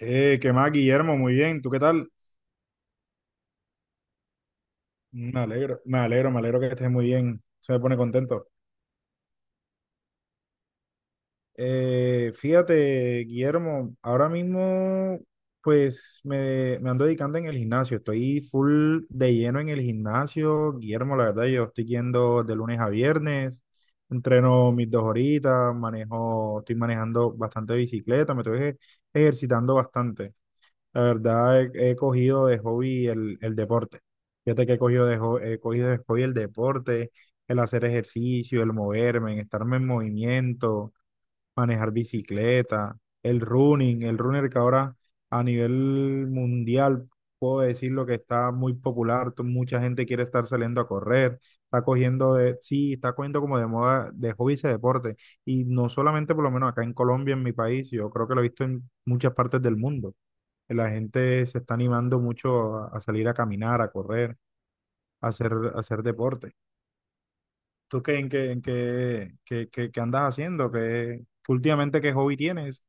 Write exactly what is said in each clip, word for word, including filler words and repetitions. Eh, ¿qué más, Guillermo? Muy bien, ¿tú qué tal? Me alegro, me alegro, me alegro que estés muy bien. Se me pone contento. Eh, fíjate, Guillermo, ahora mismo pues me, me ando dedicando en el gimnasio. Estoy full de lleno en el gimnasio, Guillermo, la verdad. Yo estoy yendo de lunes a viernes, entreno mis dos horitas, manejo, estoy manejando bastante bicicleta, me estoy ej- ejercitando bastante. La verdad, he, he cogido de hobby el, el deporte. Fíjate que he cogido de, ho- he cogido de hobby el deporte, el hacer ejercicio, el moverme, el estarme en movimiento, manejar bicicleta, el running, el runner, que ahora a nivel mundial puedo decir lo que está muy popular. To- mucha gente quiere estar saliendo a correr, está cogiendo de, sí, está cogiendo como de moda, de hobby ese deporte. Y no solamente por lo menos acá en Colombia, en mi país, yo creo que lo he visto en muchas partes del mundo. La gente se está animando mucho a, a salir a caminar, a correr, a hacer, a hacer deporte. ¿Tú qué, en qué, en qué, qué, qué- qué andas haciendo? ¿Qué, qué últimamente qué hobby tienes?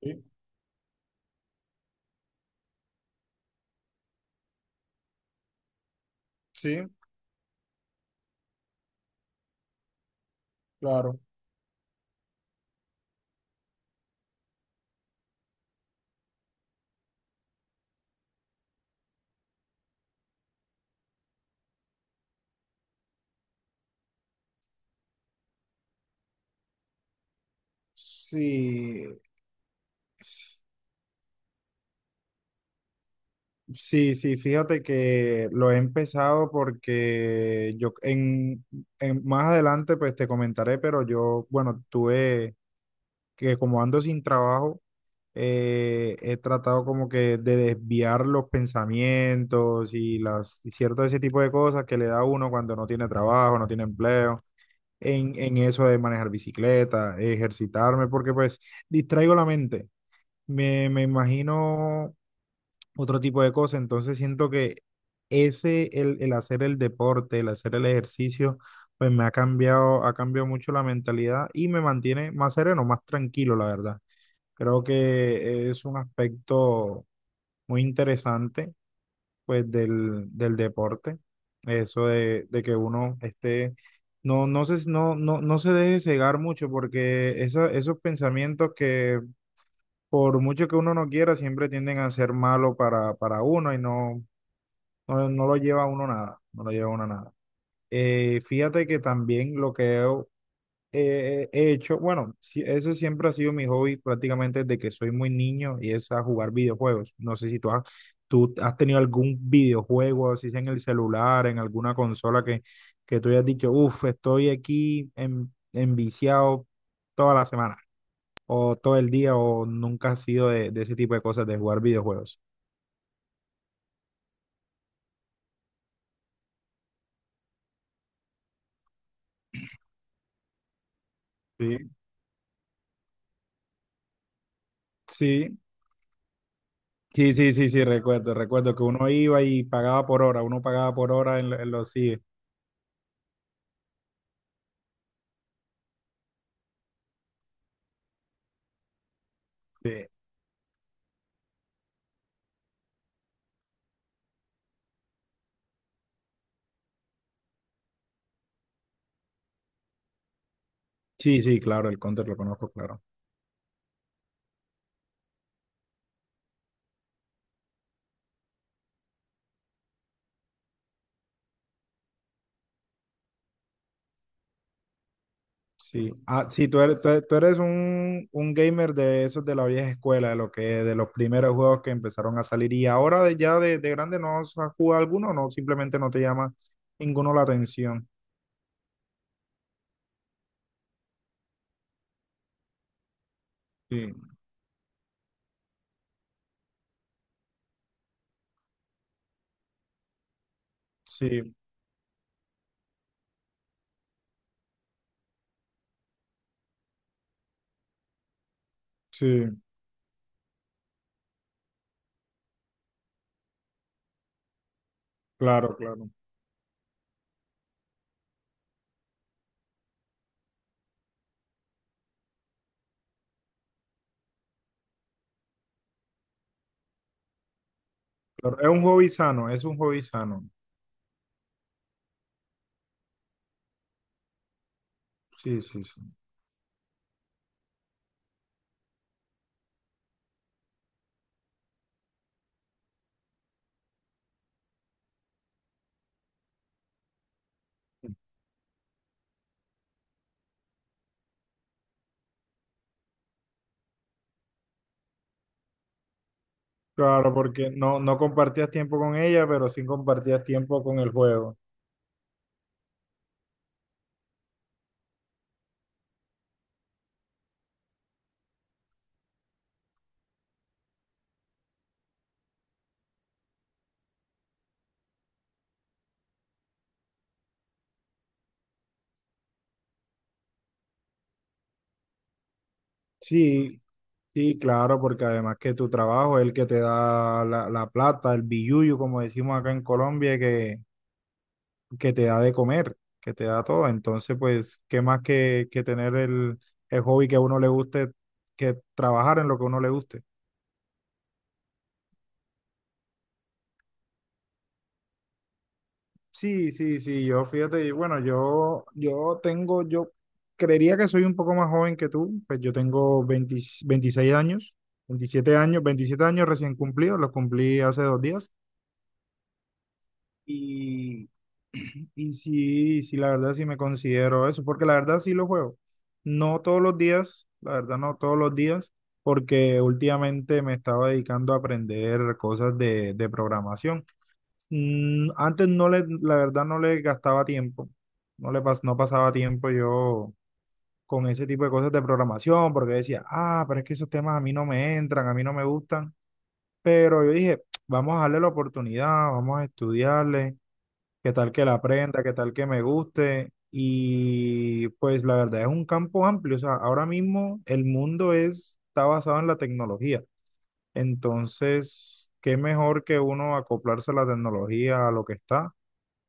Sí, sí, claro. Sí, sí, sí, fíjate que lo he empezado porque yo en, en- más adelante pues te comentaré, pero yo, bueno, tuve que, como ando sin trabajo, eh, he tratado como que de desviar los pensamientos y las y cierto ese tipo de cosas que le da a uno cuando no tiene trabajo, no tiene empleo, en, en eso de manejar bicicleta, ejercitarme, porque pues distraigo la mente, me, me imagino otro tipo de cosas. Entonces siento que ese, el, el hacer el deporte, el hacer el ejercicio, pues me ha cambiado, ha cambiado mucho la mentalidad y me mantiene más sereno, más tranquilo, la verdad. Creo que es un aspecto muy interesante, pues, del, del deporte. Eso de, de que uno esté, no, no se, no, no, no se deje cegar mucho, porque eso- esos pensamientos, que por mucho que uno no quiera, siempre tienden a ser malo para, para uno, y no, no, no lo lleva a uno nada, no lo lleva a uno nada. Eh, fíjate que también lo que he eh, he hecho, bueno, sí, ese siempre ha sido mi hobby prácticamente desde que soy muy niño, y es a jugar videojuegos. No sé si tú has, tú has tenido algún videojuego, así sea en el celular, en alguna consola, que, que, tú hayas dicho, uff, estoy aquí en, enviciado toda la semana, o todo el día, o nunca has sido de, de ese tipo de cosas, de jugar videojuegos. Sí, sí. Sí, sí, sí, sí, recuerdo, recuerdo que uno iba y pagaba por hora, uno pagaba por hora en, lo- en los C I E. Sí, sí, claro, el Counter lo conozco, claro. Sí, ah, sí, tú eres, tú eres, tú eres un, un gamer de esos de la vieja escuela, de lo que, de los primeros juegos que empezaron a salir, y ahora de- ya de, de grande no has jugado alguno, no, simplemente no te llama ninguno la atención. Sí, sí, sí, claro, claro, claro. Es un hobby sano, es un hobby sano. Sí, sí, sí. Claro, porque no, no compartías tiempo con ella, pero sí compartías tiempo con el juego. Sí, sí, claro, porque además que tu trabajo es el que te da la, la plata, el billuyo, como decimos acá en Colombia, que, que te da de comer, que te da todo. Entonces, pues, ¿qué más que, que tener el, el hobby que a uno le guste, que trabajar en lo que a uno le guste? Sí, sí, sí, yo fíjate, y bueno, yo, yo tengo, yo creería que soy un poco más joven que tú, pues yo tengo veinte veintiséis años, veintisiete años, veintisiete años recién cumplidos, los cumplí hace dos días. Y, y sí, sí, la verdad sí me considero eso, porque la verdad sí lo juego. No todos los días, la verdad no todos los días, porque últimamente me estaba dedicando a aprender cosas de, de programación. Mm, antes no le, la verdad, no le gastaba tiempo, no le pas- no pasaba tiempo yo con ese tipo de cosas de programación, porque decía, ah, pero es que esos temas a mí no me entran, a mí no me gustan. Pero yo dije, vamos a darle la oportunidad, vamos a estudiarle, qué tal que la aprenda, qué tal que me guste. Y pues la verdad es un campo amplio, o sea, ahora mismo el mundo es, está basado en la tecnología. Entonces, qué mejor que uno acoplarse a la tecnología, a lo que está,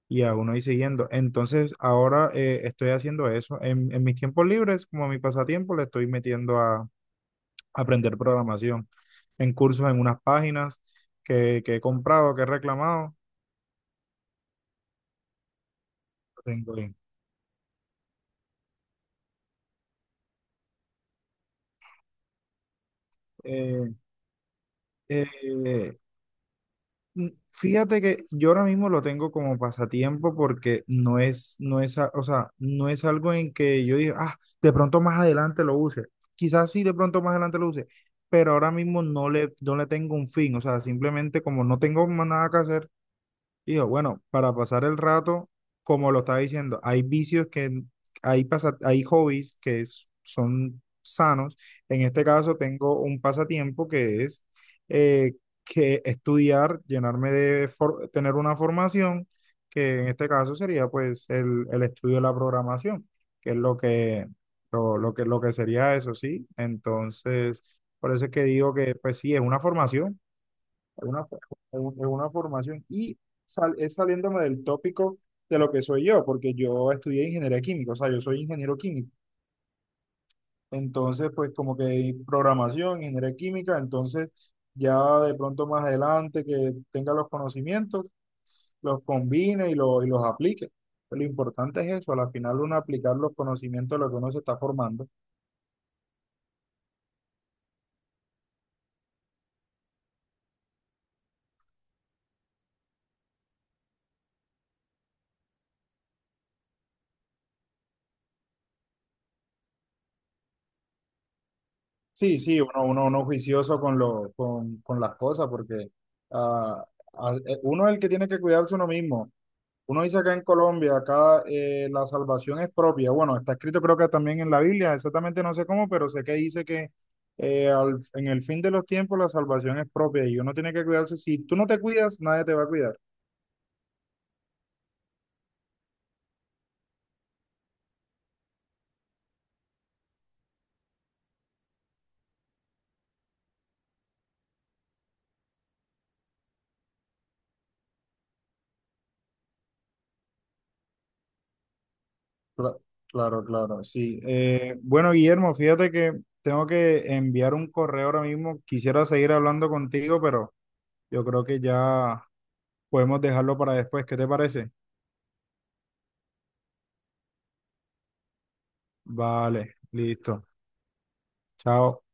y a uno ir siguiendo. Entonces, ahora eh, estoy haciendo eso. En, en mis tiempos libres, como mi pasatiempo, le estoy metiendo a aprender programación en cursos, en unas páginas que, que he comprado, que he reclamado. Tengo ahí. Eh, eh, Mm, Fíjate que yo ahora mismo lo tengo como pasatiempo, porque no es, no es, a- o sea, no es algo en que yo diga, ah, de pronto más adelante lo use. Quizás sí, de pronto más adelante lo use, pero ahora mismo no le, no le tengo un fin. O sea, simplemente como no tengo más nada que hacer, digo, bueno, para pasar el rato, como lo estaba diciendo, hay vicios que, hay, pasa- hay hobbies que es- son sanos. En este caso tengo un pasatiempo que es eh, que estudiar, llenarme de, for- tener una formación, que en este caso sería pues el, el estudio de la programación, que es lo que, lo, lo que, lo que sería eso, ¿sí? Entonces, por eso es que digo que pues sí, es una formación, es una, fo- es un- es una formación, y sal- es saliéndome del tópico de lo que soy yo, porque yo estudié ingeniería química, o sea, yo soy ingeniero químico. Entonces, pues como que hay programación, ingeniería química, entonces ya de pronto más adelante que tenga los conocimientos, los combine, y, lo- y los aplique. Lo importante es eso, al final uno aplicar los conocimientos de lo que uno se está formando. Sí, sí, uno, uno, uno juicioso con, lo, con, con las cosas, porque ah, ah, eh, uno es el que tiene que cuidarse uno mismo. Uno dice acá en Colombia, acá eh, la salvación es propia. Bueno, está escrito, creo que también en la Biblia, exactamente no sé cómo, pero sé que dice que eh, al- en el fin de los tiempos la salvación es propia y uno tiene que cuidarse. Si tú no te cuidas, nadie te va a cuidar. Cla- Claro, claro, sí. Eh, bueno, Guillermo, fíjate que tengo que enviar un correo ahora mismo. Quisiera seguir hablando contigo, pero yo creo que ya podemos dejarlo para después. ¿Qué te parece? Vale, listo. Chao.